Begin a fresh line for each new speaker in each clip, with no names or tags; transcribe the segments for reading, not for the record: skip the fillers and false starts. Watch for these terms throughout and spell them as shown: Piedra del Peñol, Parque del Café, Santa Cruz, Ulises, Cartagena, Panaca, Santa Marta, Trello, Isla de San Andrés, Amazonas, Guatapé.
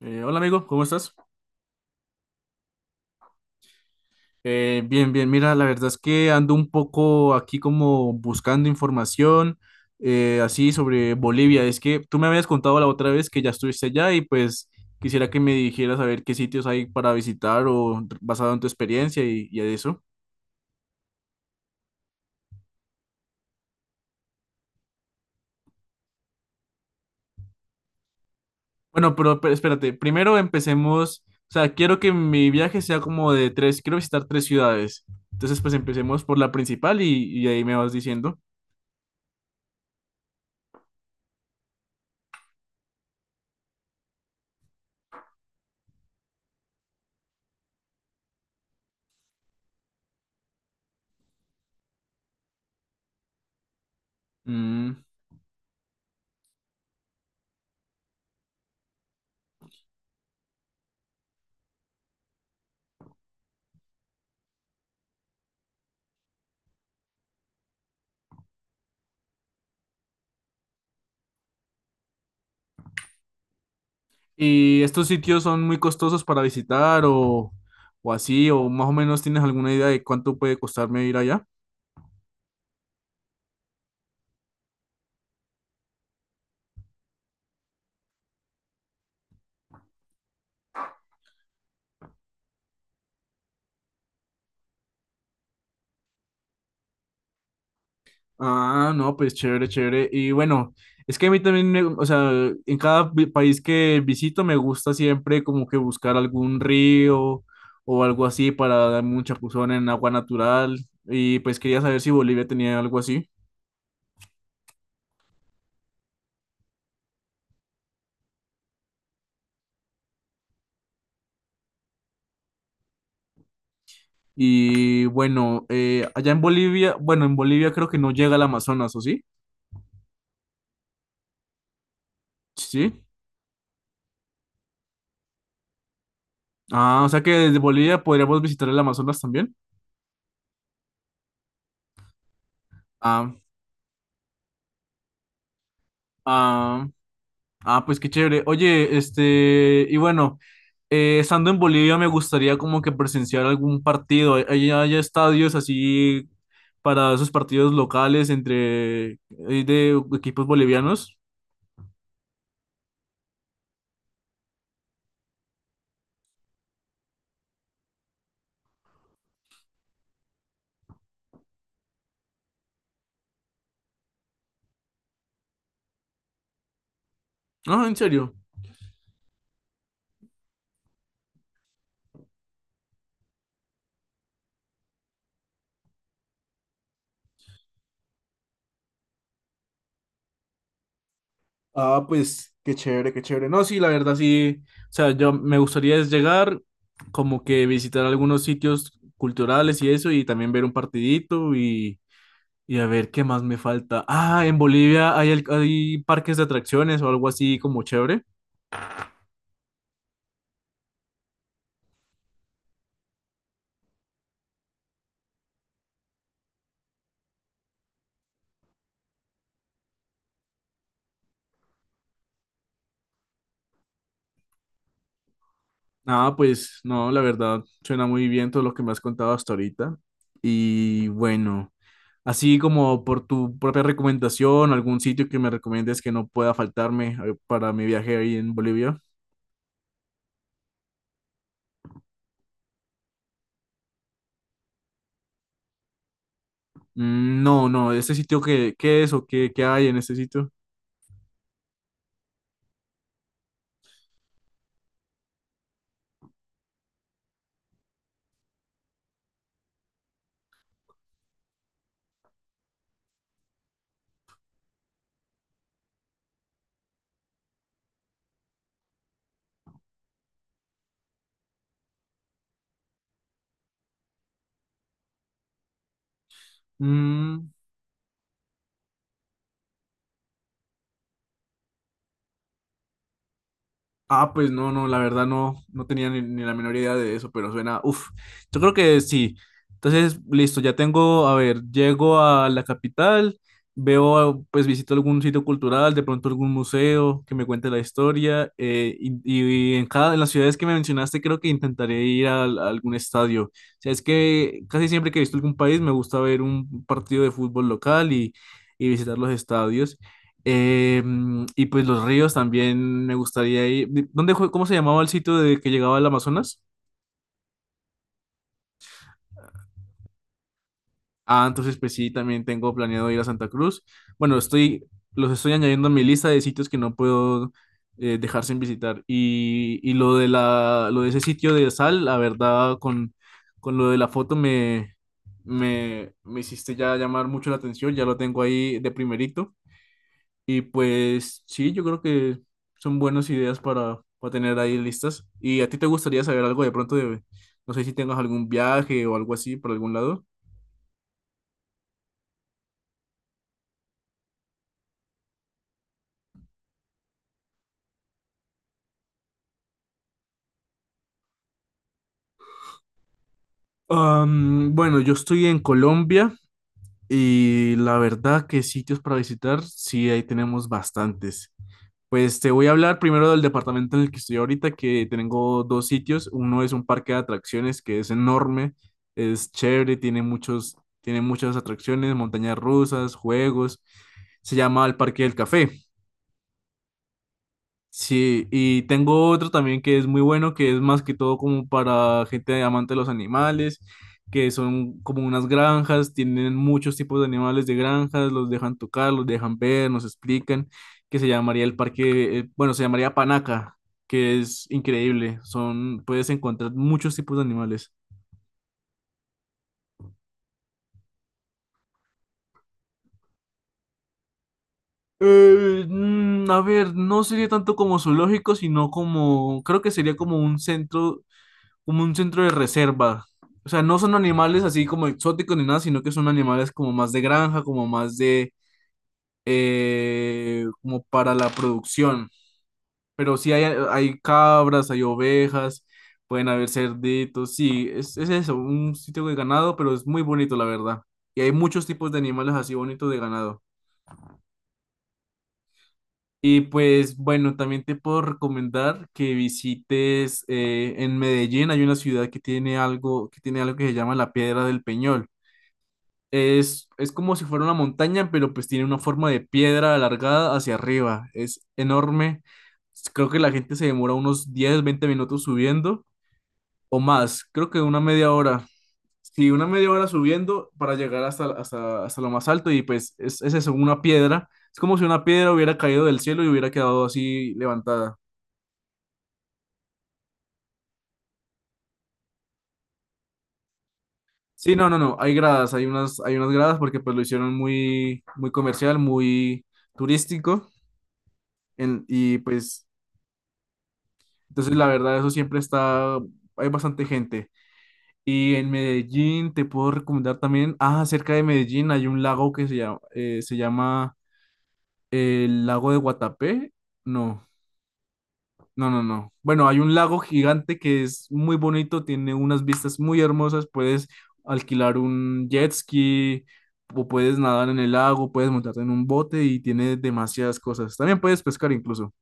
Hola amigo, ¿cómo estás? Bien, mira, la verdad es que ando un poco aquí como buscando información así sobre Bolivia. Es que tú me habías contado la otra vez que ya estuviste allá y pues quisiera que me dijeras a ver qué sitios hay para visitar o basado en tu experiencia y eso. Bueno, pero espérate, primero empecemos, o sea, quiero que mi viaje sea como de tres, quiero visitar tres ciudades. Entonces pues empecemos por la principal y ahí me vas diciendo. Mm. ¿Y estos sitios son muy costosos para visitar o así? ¿O más o menos tienes alguna idea de cuánto puede costarme ir allá? Ah, no, pues chévere, chévere. Y bueno, es que a mí también, o sea, en cada país que visito me gusta siempre como que buscar algún río o algo así para darme un chapuzón en agua natural. Y pues quería saber si Bolivia tenía algo así. Y bueno, allá en Bolivia, bueno, en Bolivia creo que no llega al Amazonas, ¿o sí? Sí. Ah, o sea que desde Bolivia podríamos visitar el Amazonas también. Ah, ah, ah, pues qué chévere. Oye, este, y bueno, estando en Bolivia me gustaría como que presenciar algún partido. ¿Hay estadios así para esos partidos locales entre de equipos bolivianos? No, en serio. Ah, pues qué chévere, qué chévere. No, sí, la verdad sí. O sea, yo me gustaría es llegar, como que visitar algunos sitios culturales y eso, y también ver un partidito. Y a ver, ¿qué más me falta? Ah, en Bolivia hay, hay parques de atracciones o algo así como chévere. Ah, pues no, la verdad, suena muy bien todo lo que me has contado hasta ahorita. Y bueno, así como por tu propia recomendación, algún sitio que me recomiendes que no pueda faltarme para mi viaje ahí en Bolivia. Mm, no, no, ese sitio qué es o qué hay en ese sitio? Mm. Ah, pues no, no, la verdad no, no tenía ni la menor idea de eso, pero suena, uff, yo creo que sí. Entonces, listo, ya tengo, a ver, llego a la capital, veo, pues visito algún sitio cultural, de pronto algún museo que me cuente la historia, y en cada, en las ciudades que me mencionaste creo que intentaré ir a algún estadio. O sea, es que casi siempre que he visto algún país me gusta ver un partido de fútbol local y visitar los estadios. Eh, y pues los ríos también me gustaría ir. ¿Dónde, cómo se llamaba el sitio de que llegaba al Amazonas? Ah, entonces pues sí, también tengo planeado ir a Santa Cruz. Bueno, estoy, los estoy añadiendo a mi lista de sitios que no puedo dejar sin visitar. Y lo de la, lo de ese sitio de sal, la verdad, con lo de la foto me hiciste ya llamar mucho la atención, ya lo tengo ahí de primerito. Y pues sí, yo creo que son buenas ideas para tener ahí listas. ¿Y a ti te gustaría saber algo de pronto de, no sé si tengas algún viaje o algo así por algún lado? Am, bueno, yo estoy en Colombia y la verdad que sitios para visitar, sí, ahí tenemos bastantes. Pues te voy a hablar primero del departamento en el que estoy ahorita, que tengo dos sitios. Uno es un parque de atracciones que es enorme, es chévere, tiene muchos, tiene muchas atracciones, montañas rusas, juegos. Se llama el Parque del Café. Sí, y tengo otro también que es muy bueno, que es más que todo como para gente amante de los animales, que son como unas granjas, tienen muchos tipos de animales de granjas, los dejan tocar, los dejan ver, nos explican, que se llamaría el parque, bueno, se llamaría Panaca, que es increíble, son, puedes encontrar muchos tipos de animales. A ver, no sería tanto como zoológico, sino como, creo que sería como un centro de reserva. O sea, no son animales así como exóticos ni nada, sino que son animales como más de granja, como más de, como para la producción. Pero sí hay cabras, hay ovejas, pueden haber cerditos, sí, es eso, un sitio de ganado, pero es muy bonito, la verdad. Y hay muchos tipos de animales así bonitos de ganado. Y pues bueno, también te puedo recomendar que visites en Medellín, hay una ciudad que tiene algo, que tiene algo que se llama la Piedra del Peñol. Es como si fuera una montaña, pero pues tiene una forma de piedra alargada hacia arriba. Es enorme. Creo que la gente se demora unos 10 20 minutos subiendo o más. Creo que una media hora. Sí, una media hora subiendo para llegar hasta, hasta, hasta lo más alto y pues es eso, una piedra. Es como si una piedra hubiera caído del cielo y hubiera quedado así levantada. Sí, no, no, no, hay gradas, hay unas gradas porque pues lo hicieron muy, muy comercial, muy turístico y pues. Entonces, la verdad, eso siempre está, hay bastante gente. Y en Medellín te puedo recomendar también, ah, cerca de Medellín hay un lago que se llama el lago de Guatapé. No, no, no, no. Bueno, hay un lago gigante que es muy bonito, tiene unas vistas muy hermosas, puedes alquilar un jet ski o puedes nadar en el lago, puedes montarte en un bote y tiene demasiadas cosas. También puedes pescar incluso.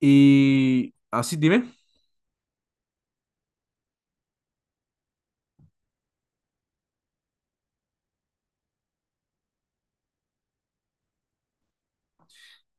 Y así, dime.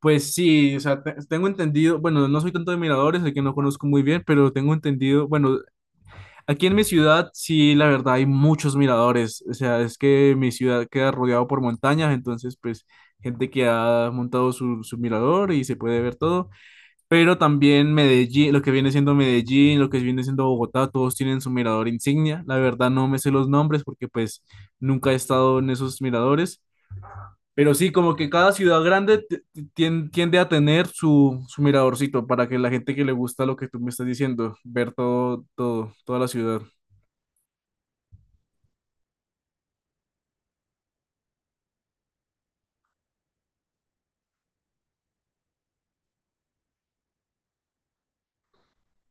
Pues sí, o sea, tengo entendido, bueno, no soy tanto de miradores, el que no conozco muy bien, pero tengo entendido, bueno, aquí en mi ciudad sí, la verdad, hay muchos miradores, o sea, es que mi ciudad queda rodeado por montañas, entonces, pues, gente que ha montado su, su mirador y se puede ver todo, pero también Medellín, lo que viene siendo Medellín, lo que viene siendo Bogotá, todos tienen su mirador insignia, la verdad no me sé los nombres porque, pues, nunca he estado en esos miradores. Pero sí, como que cada ciudad grande tiende a tener su, su miradorcito para que la gente que le gusta lo que tú me estás diciendo, ver todo, todo, toda la ciudad.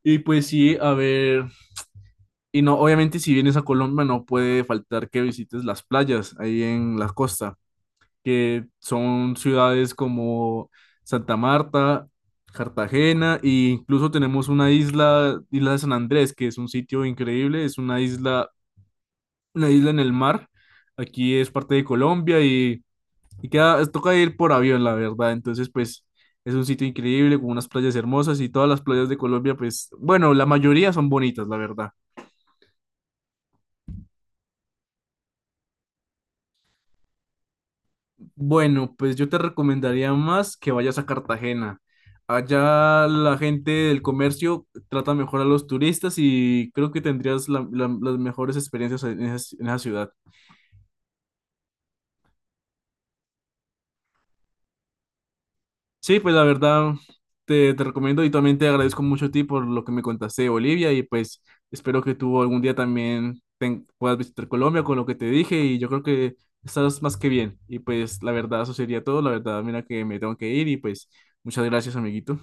Y pues sí, a ver, y no, obviamente si vienes a Colombia no puede faltar que visites las playas ahí en la costa, que son ciudades como Santa Marta, Cartagena, e incluso tenemos una isla, Isla de San Andrés, que es un sitio increíble, es una isla en el mar. Aquí es parte de Colombia y queda, toca ir por avión, la verdad. Entonces, pues es un sitio increíble con unas playas hermosas y todas las playas de Colombia, pues bueno, la mayoría son bonitas, la verdad. Bueno, pues yo te recomendaría más que vayas a Cartagena. Allá la gente del comercio trata mejor a los turistas y creo que tendrías las mejores experiencias en esa ciudad. Sí, pues la verdad te recomiendo y también te agradezco mucho a ti por lo que me contaste de Bolivia y pues espero que tú algún día también puedas visitar Colombia con lo que te dije y yo creo que estás más que bien y pues la verdad eso sería todo, la verdad mira que me tengo que ir y pues muchas gracias amiguito.